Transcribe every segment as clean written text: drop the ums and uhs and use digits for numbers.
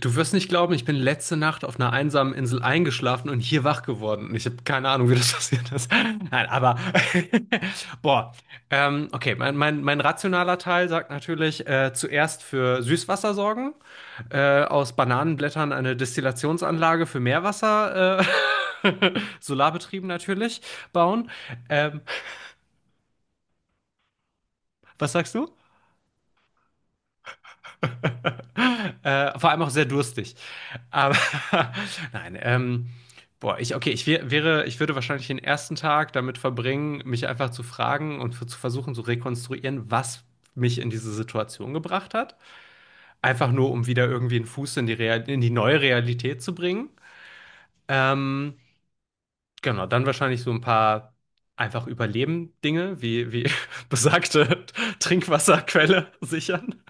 Du wirst nicht glauben, ich bin letzte Nacht auf einer einsamen Insel eingeschlafen und hier wach geworden. Und ich habe keine Ahnung, wie das passiert ist. Nein, aber boah. Okay, mein rationaler Teil sagt natürlich, zuerst für Süßwasser sorgen, aus Bananenblättern eine Destillationsanlage für Meerwasser, äh, solarbetrieben natürlich, bauen. Ähm, Was sagst du? Vor allem auch sehr durstig. Aber nein, boah, okay, ich würde wahrscheinlich den ersten Tag damit verbringen, mich einfach zu fragen und zu versuchen zu rekonstruieren, was mich in diese Situation gebracht hat. Einfach nur, um wieder irgendwie einen Fuß in die, Real in die neue Realität zu bringen. Ähm, genau, dann wahrscheinlich so ein paar einfach Überleben-Dinge, wie besagte Trinkwasserquelle sichern.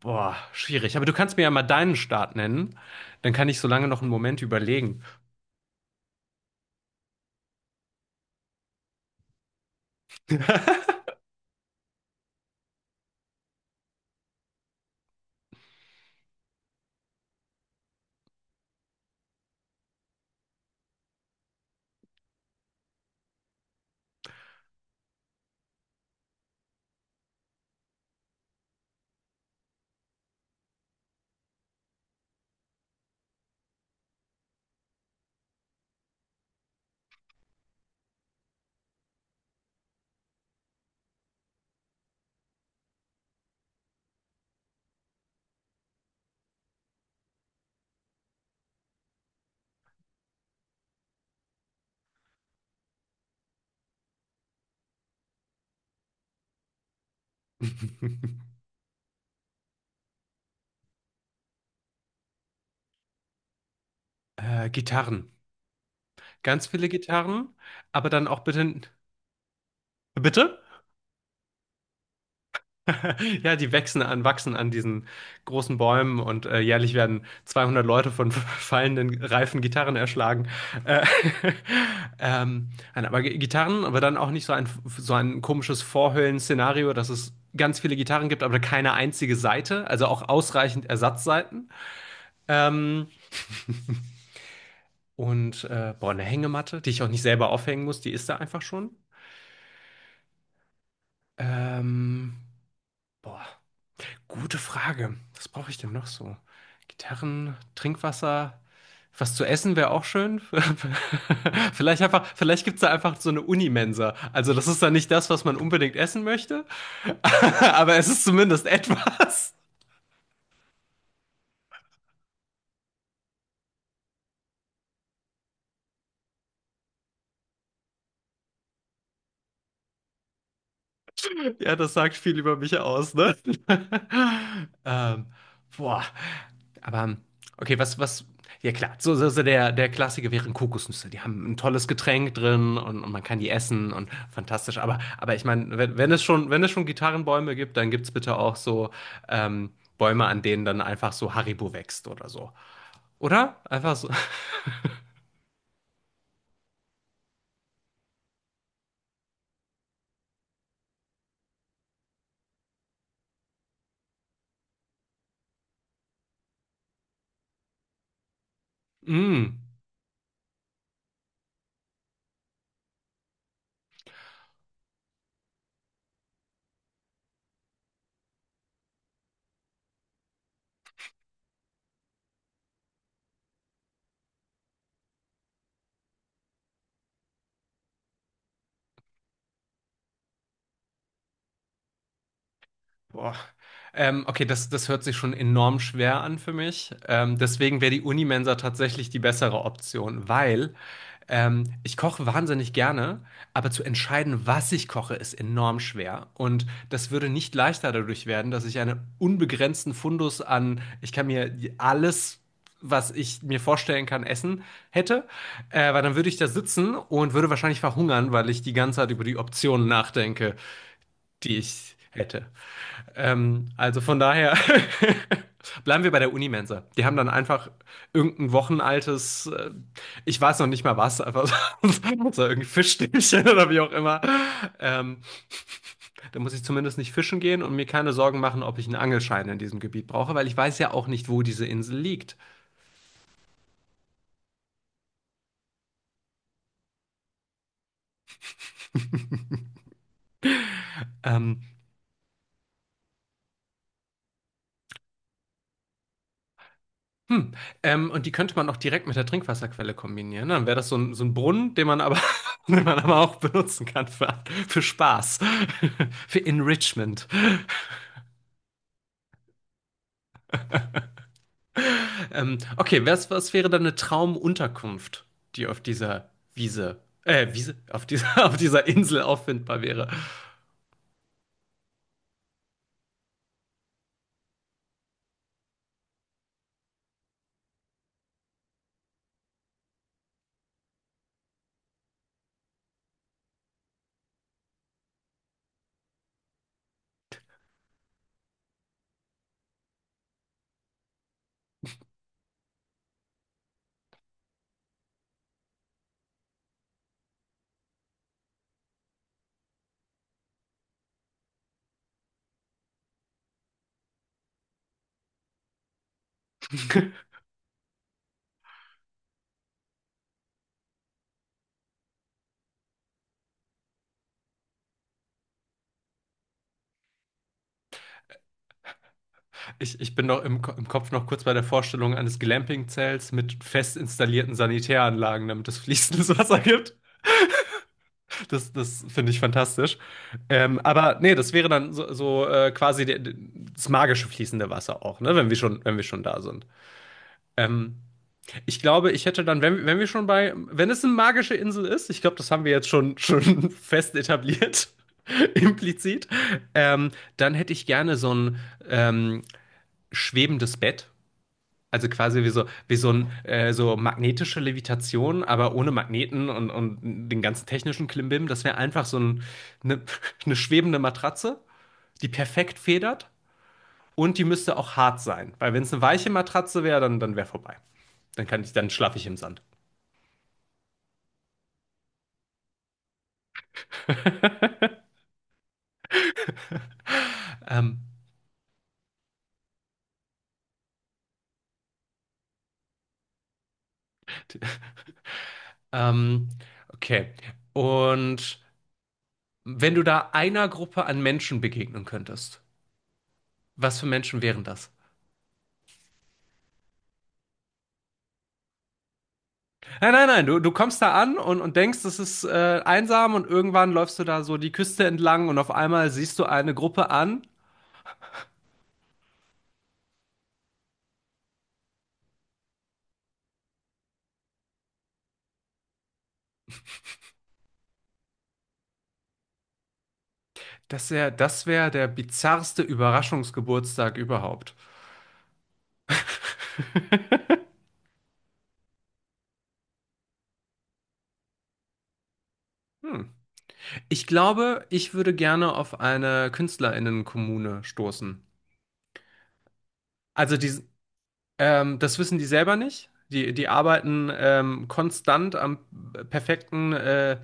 Boah, schwierig. Aber du kannst mir ja mal deinen Start nennen. Dann kann ich so lange noch einen Moment überlegen. Gitarren. Ganz viele Gitarren, aber dann auch bitte. Bitte? Ja, die wachsen an diesen großen Bäumen und jährlich werden 200 Leute von fallenden, reifen Gitarren erschlagen. Äh, nein, aber Gitarren, aber dann auch nicht so ein komisches Vorhöllen-Szenario, dass es ganz viele Gitarren gibt, aber keine einzige Saite, also auch ausreichend Ersatzsaiten. Ähm, und boah, eine Hängematte, die ich auch nicht selber aufhängen muss, die ist da einfach schon. Ähm, Boah. Gute Frage. Was brauche ich denn noch so? Gitarren, Trinkwasser, was zu essen wäre auch schön. Vielleicht gibt es da einfach so eine Unimensa. Also das ist dann nicht das, was man unbedingt essen möchte, aber es ist zumindest etwas. Ja, das sagt viel über mich aus, ne? Ähm, Boah. Aber, okay, ja klar, der Klassiker wären Kokosnüsse. Die haben ein tolles Getränk drin und man kann die essen und fantastisch. Aber ich meine, wenn es schon Gitarrenbäume gibt, dann gibt es bitte auch so ähm, Bäume, an denen dann einfach so Haribo wächst oder so. Oder? Einfach so. Mm. Boah. Okay, das hört sich schon enorm schwer an für mich. Deswegen wäre die Unimensa tatsächlich die bessere Option, weil ich koche wahnsinnig gerne, aber zu entscheiden, was ich koche, ist enorm schwer. Und das würde nicht leichter dadurch werden, dass ich einen unbegrenzten Fundus an, ich kann mir alles, was ich mir vorstellen kann, essen hätte. Weil dann würde ich da sitzen und würde wahrscheinlich verhungern, weil ich die ganze Zeit über die Optionen nachdenke, die ich hätte. Also von daher bleiben wir bei der Unimensa. Die haben dann einfach irgendein wochenaltes, ich weiß noch nicht mal was, einfach so, so irgendwie Fischstäbchen oder wie auch immer. Ähm, Da muss ich zumindest nicht fischen gehen und mir keine Sorgen machen, ob ich einen Angelschein in diesem Gebiet brauche, weil ich weiß ja auch nicht, wo diese Insel liegt. Ähm, Hm. Und die könnte man auch direkt mit der Trinkwasserquelle kombinieren, ne? Dann wäre das so ein Brunnen, den man aber auch benutzen kann für Spaß, für Enrichment. Okay, was wäre dann eine Traumunterkunft, die auf dieser auf dieser Insel auffindbar wäre? Ich bin noch im Kopf noch kurz bei der Vorstellung eines Glamping-Zelts mit fest installierten Sanitäranlagen, damit es fließendes Wasser gibt. Das finde ich fantastisch. Aber nee, das wäre dann so, quasi das magische fließende Wasser auch, ne? Wenn wir schon da sind. Ähm, Ich glaube, ich hätte dann, wenn, wenn wir schon bei, wenn es eine magische Insel ist, ich glaube, das haben wir jetzt schon fest etabliert, implizit, ähm, dann hätte ich gerne so ein ähm, schwebendes Bett. Also quasi so magnetische Levitation, aber ohne Magneten und den ganzen technischen Klimbim. Das wäre einfach eine, eine schwebende Matratze, die perfekt federt und die müsste auch hart sein. Weil wenn es eine weiche Matratze wäre, dann wäre vorbei. Dann schlafe ich im Sand. Ähm, ähm, okay. Und wenn du da einer Gruppe an Menschen begegnen könntest, was für Menschen wären das? Nein, nein, nein, du kommst da an und denkst, es ist einsam und irgendwann läufst du da so die Küste entlang und auf einmal siehst du eine Gruppe an. Das wäre der bizarrste Überraschungsgeburtstag überhaupt. Hm. Ich glaube, ich würde gerne auf eine KünstlerInnenkommune stoßen. Also die, Das wissen die selber nicht. Die arbeiten konstant am perfekten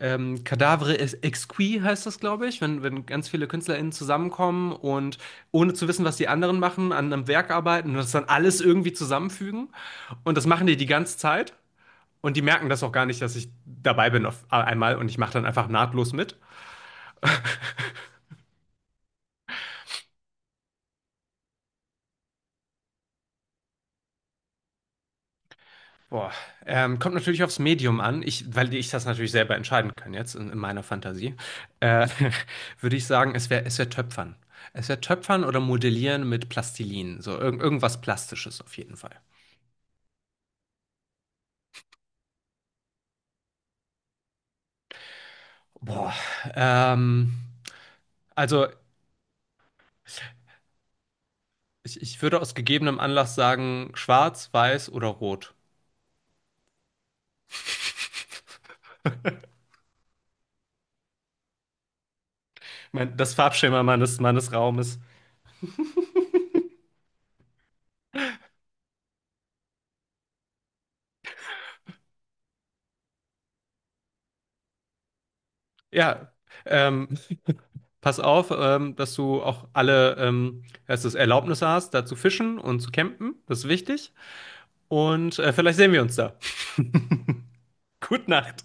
Cadavre Exquis heißt das, glaube ich, wenn ganz viele KünstlerInnen zusammenkommen und ohne zu wissen, was die anderen machen, an einem Werk arbeiten und das dann alles irgendwie zusammenfügen. Und das machen die die ganze Zeit und die merken das auch gar nicht, dass ich dabei bin auf einmal und ich mache dann einfach nahtlos mit. Boah, kommt natürlich aufs Medium an, weil ich das natürlich selber entscheiden kann jetzt in meiner Fantasie. Äh, würde ich sagen, es wär Töpfern. Es wäre Töpfern oder Modellieren mit Plastilin, so irgendwas Plastisches auf jeden Fall. Boah, ähm, also ich würde aus gegebenem Anlass sagen, schwarz, weiß oder rot. Das Farbschema meines Raumes. Ja, ähm, pass auf, dass du Erlaubnisse hast, da zu fischen und zu campen. Das ist wichtig. Und vielleicht sehen wir uns da. Gute Nacht.